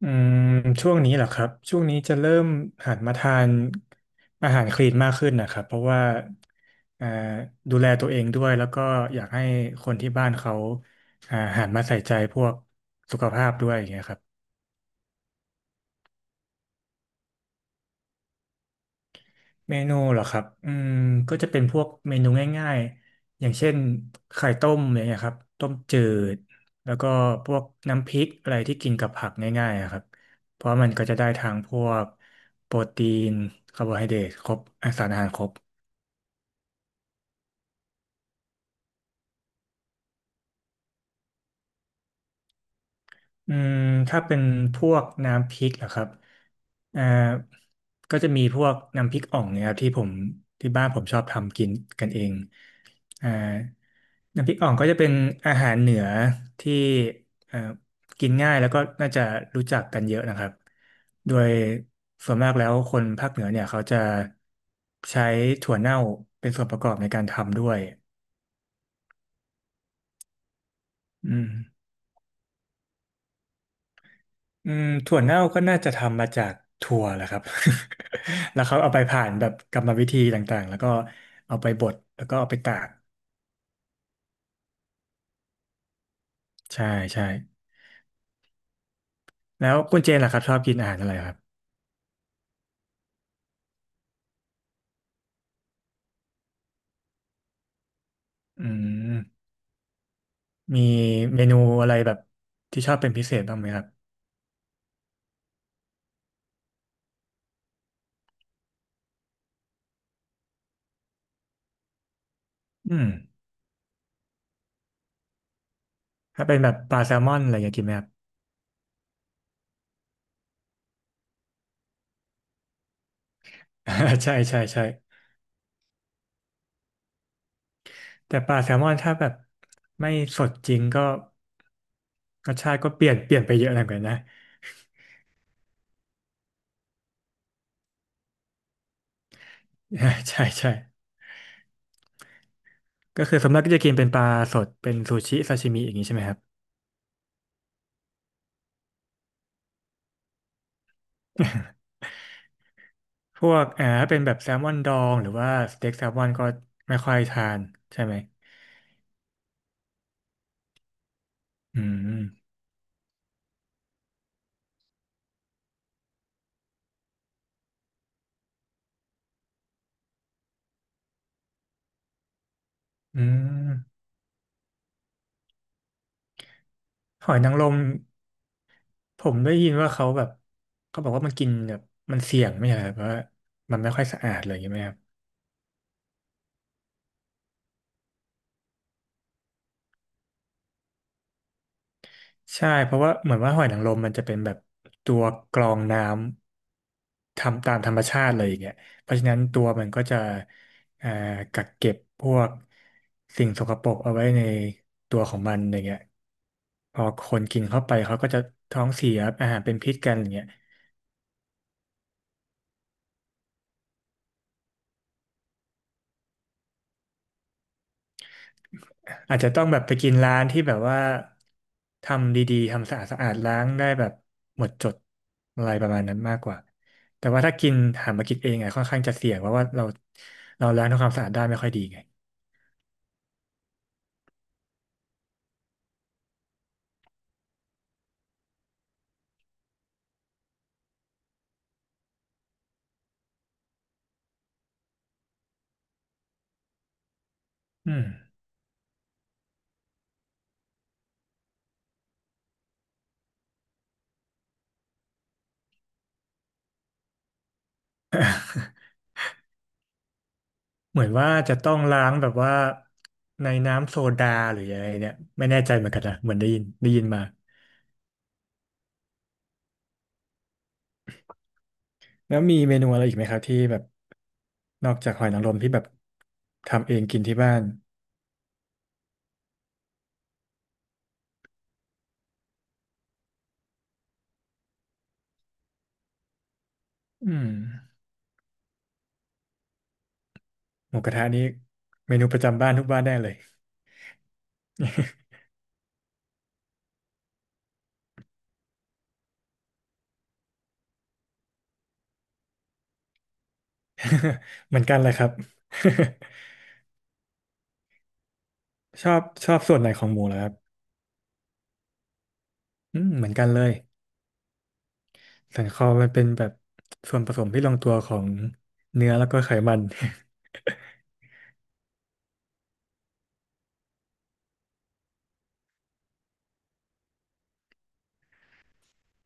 อืมช่วงนี้เหรอครับ ช่วงนี้จะเริ่มหันมาทานอาหารคลีนมากขึ้นนะครับ เพราะว่าอ่าดูแลตัวเองด้วยแล้วก็อยากให้คนที่บ้านเขาหันมาใส่ใจพวกสุขภาพด้วยอย่างเงี้ยครับ เมนูเหรอครับก็จะเป็นพวกเมนูง่ายๆ อย่างเช่นไข่ต้มอะไรเงี้ยครับ ต้มจืดแล้วก็พวกน้ำพริกอะไรที่กินกับผักง่ายๆอะครับเพราะมันก็จะได้ทางพวกโปรตีนคาร์โบไฮเดรตครบอ่ะสารอาหารครบอืมถ้าเป็นพวกน้ำพริกเหรอครับอ่าก็จะมีพวกน้ำพริกอ่องเนี่ยครับที่บ้านผมชอบทำกินกันเอง อ่าน้ำพริกอ่องก็จะเป็นอาหารเหนือที่เอ่อกินง่ายแล้วก็น่าจะรู้จักกันเยอะนะครับโดยส่วนมากแล้วคนภาคเหนือเนี่ยเขาจะใช้ถั่วเน่าเป็นส่วนประกอบในการทำด้วยอืมถั่วเน่าก็น่าจะทำมาจากถั่วแหละครับ แล้วเขาเอาไปผ่านแบบกรรมวิธีต่างๆแล้วก็เอาไปบดแล้วก็เอาไปตากใช่ใช่แล้วคุณเจนล่ะครับชอบกินอาหารอะไรครับอืม มีเมนูอะไรแบบที่ชอบเป็นพิเศษบ้างไหมครับอืมถ้าเป็นแบบปลาแซลมอนอะไรอย่างเงี้ยกินไหมครับ ใช่ใช่ใช่แต่ปลาแซลมอนถ้าแบบไม่สดจริงก็รสชาติก็เปลี่ยนไปเยอะเหมือนกันนะ ใช่ใช่ก็คือส่วนมากก็จะกินเป็นปลาสดเป็นซูชิซาชิมิอย่างนี้ใช่ไหมครับพวกถ้าเป็นแบบแซลมอนดองหรือว่าสเต็กแซลมอนก็ไม่ค่อยทานใช่ไหมอืมอืมหอยนางรม ผมได้ยินว่าเขาแบบเขาบอกว่ามันกินแบบมันเสี่ยงไม่ใช่เหรอครับเพราะว่ามันไม่ค่อยสะอาดเลยใช่างเงี้ยไหมครับใช่เพราะว่าเหมือนว่าหอยนางรมมันจะเป็นแบบตัวกรองน้ำทำตามธรรมชาติเลยอย่างเงี้ยเพราะฉะนั้นตัวมันก็จะเอ่อกักเก็บพวกสิ่งสกปรกเอาไว้ในตัวของมันอย่างเงี้ยพอคนกินเข้าไปเขาก็จะท้องเสียอาหารเป็นพิษกันอย่างเงี้ย อาจจะต้องแบบไปกินร้านที่แบบว่าทำดีๆทำสะอาดสะอาดล้างได้แบบหมดจดอะไรประมาณนั้นมากกว่าแต่ว่าถ้ากินหามากินเองอะค่อนข้างจะเสี่ยงเพราะว่าเราล้างทำความสะอาดได้ไม่ค่อยดีไงอืมเหมือนว่าจะต้องล้างแบบว่าในน้ำโซดาหรืออะไรเนี่ยไม่แน่ใจเหมือนกันนะเหมือนได้ยินมาแล้วมีเมนูอะไรอีกไหมครับที่แบบนอกจากหอยนางรมที่แบบทำเองกินที่บ้านอืมหมูกระทะนี่เมนูประจำบ้านทุกบ้านแน่เลย เหมือนกันเลยครับ ชอบชอบส่วนไหนของหมูเหรอครับเหมือนกันเลยสันคอมันเป็นแบบส่วนผสมที่ลงตัวของเนื้อแล้วก็ไขมัน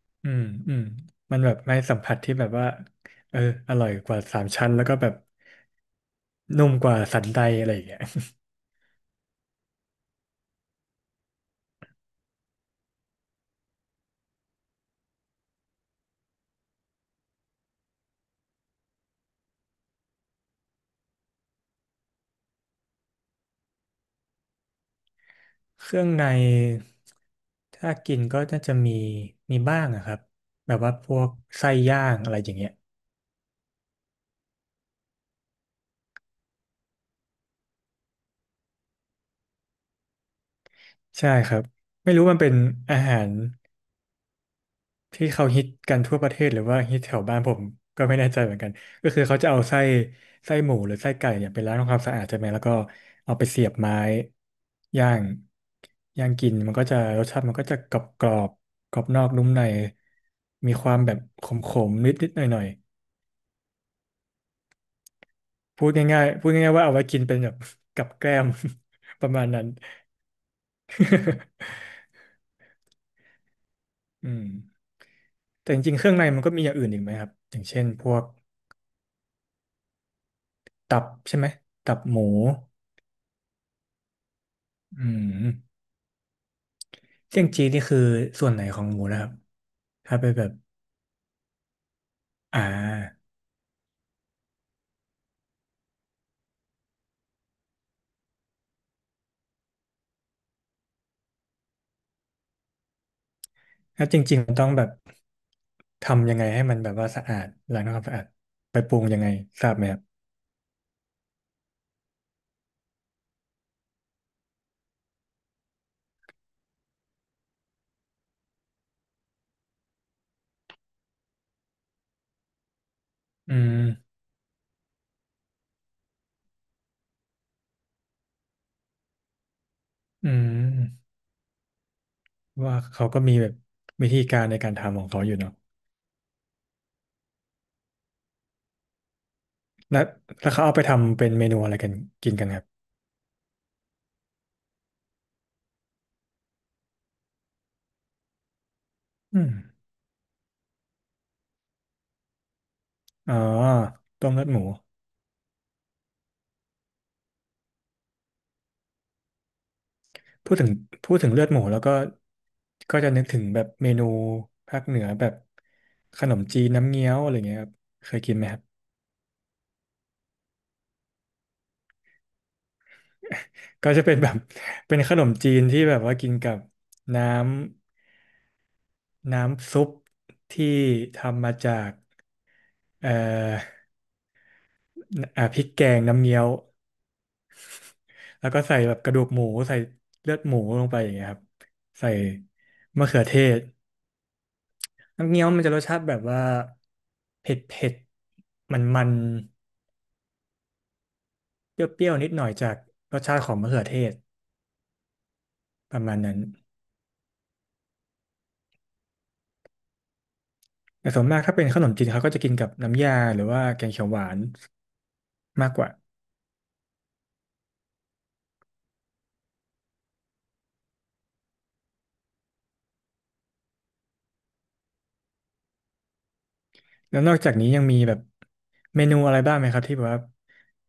อืมอืมมันแบบไม่สัมผัสที่แบบว่าเอออร่อยกว่าสามชั้นแล้วก็แบบนุ่มกว่าสันใดอะไรอย่างเงี้ย เครื่องในถ้ากินก็น่าจะมีมีบ้างอะครับแบบว่าพวกไส้ย่างอะไรอย่างเงี้ยใช่ครับไม่รู้มันเป็นอาหาร ที่เขาฮิตกันทั่วประเทศหรือว่าฮิตแถวบ้านผมก็ไม่แน่ใจเหมือนกันก็คือเขาจะเอาไส้หมูหรือไส้ไก่เนี่ยไปล้างทำความสะอาดใช่ไหมแล้วก็เอาไปเสียบไม้ย่างย่างกินมันก็จะรสชาติมันก็จะกรอบกรอบกรอบนอกนุ่มในมีความแบบขมขมนิดนิดหน่อยหน่อยๆพูดง่ายๆพูดง่ายๆว่าเอาไว้กินเป็นแบบกับแกล้ม ประมาณนั้น อืมแต่จริงๆเครื่องในมันก็มีอย่างอื่นอีกไหมครับอย่างเช่นพวกตับใช่ไหมตับหมู อืมเจียงจีนี่คือส่วนไหนของหมูนะครับถ้าไปแบบอ่าถ้าจริงๆมันต้องแบบทำยังไงให้มันแบบว่าสะอาดล้างทำความสะอาดไปปรุงยังไงทราบไหมครับอืมอืมว่าเขาก็มีแบบวิธีการในการทำของเขาอยู่เนาะแล้วแล้วเขาเอาไปทำเป็นเมนูอะไรกันกินกันครับอืมอ๋อต้มเลือดหมู พูดถึงพูดถึงเลือดหมูแล้วก็ก็จะนึกถึงแบบเมนูภาคเหนือแบบขนมจีนน้ำเงี้ยวอะไรเงี้ยครับเคยกินไหมครับก็จะเป็นแบบ เป็นขนมจีนที่แบบว่ากินกับน้ำน้ำซุปที่ทำมาจากเอ่อพริกแกงน้ำเงี้ยวแล้วก็ใส่แบบกระดูกหมูใส่เลือดหมูลงไปอย่างเงี้ยครับใส่มะเขือเทศน้ำเงี้ยวมันจะรสชาติแบบว่าเผ็ดเผ็ดมันมัน เปรี้ยวๆนิดหน่อยจากรสชาติของมะเขือเทศประมาณนั้นแต่ส่วนมากถ้าเป็นขนมจีนเขาก็จะกินกับน้ำยาหรือว่าแกงเขียวหวานมากกว่าแล้วนอกจากนี้ยังมีแบบเมนูอะไรบ้างไหมครับที่แบบว่า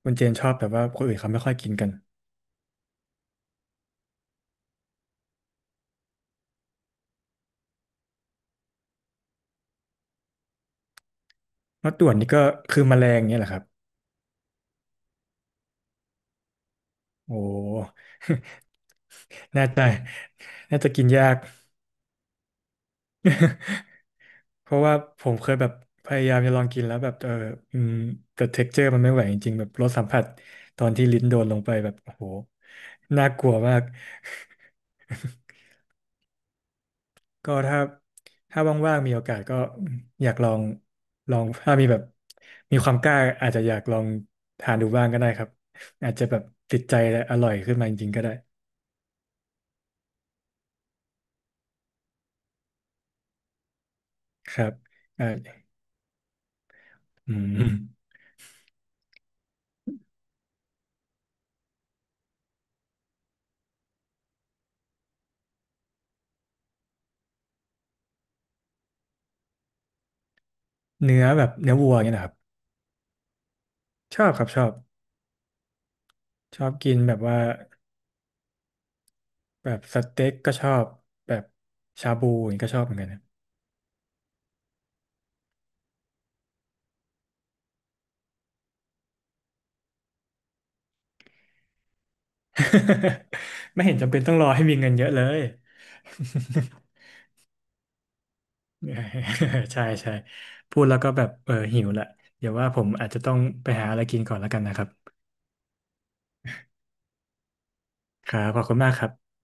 คุณเจนชอบแต่ว่าคนอื่นเขาไม่ค่อยกินกันมะต่วนนี่ก็คือแมลงเนี่ยแหละครับโอ้ น่าจะน่าจะกินยาก เพราะว่าผมเคยแบบพยายามจะลองกินแล้วแบบอืมแต่เท็กเจอร์มันไม่ไหวจริงๆแบบรสสัมผัสตอนที่ลิ้นโดนลงไปแบบโอ้โหน่ากลัวมาก ก็ถ้าถ้าว่างๆมีโอกาสก็อยากลองลองถ้ามีแบบมีความกล้าอาจจะอยากลองทานดูบ้างก็ได้ครับอาจจะแบบติดใจและอร่อยขึ้นมาจริงๆก็ได้ครับเอออืมเนื้อแบบเนื้อวัวเนี่ยนะครับชอบครับชอบชอบกินแบบว่า แบบสเต็กก็ชอบแบบชาบูอย่างนี้ก็ชอบเหมือนกันนะ ไม่เห็นจำเป็นต้องรอให้มีเงินเยอะเลย ใช่ใช่พูดแล้วก็แบบหิวละเดี๋ยวว่าผมอาจจะต้องไปหาอะไรกินก่อนแล้วกันนะครับครับขอบคุณมากครับ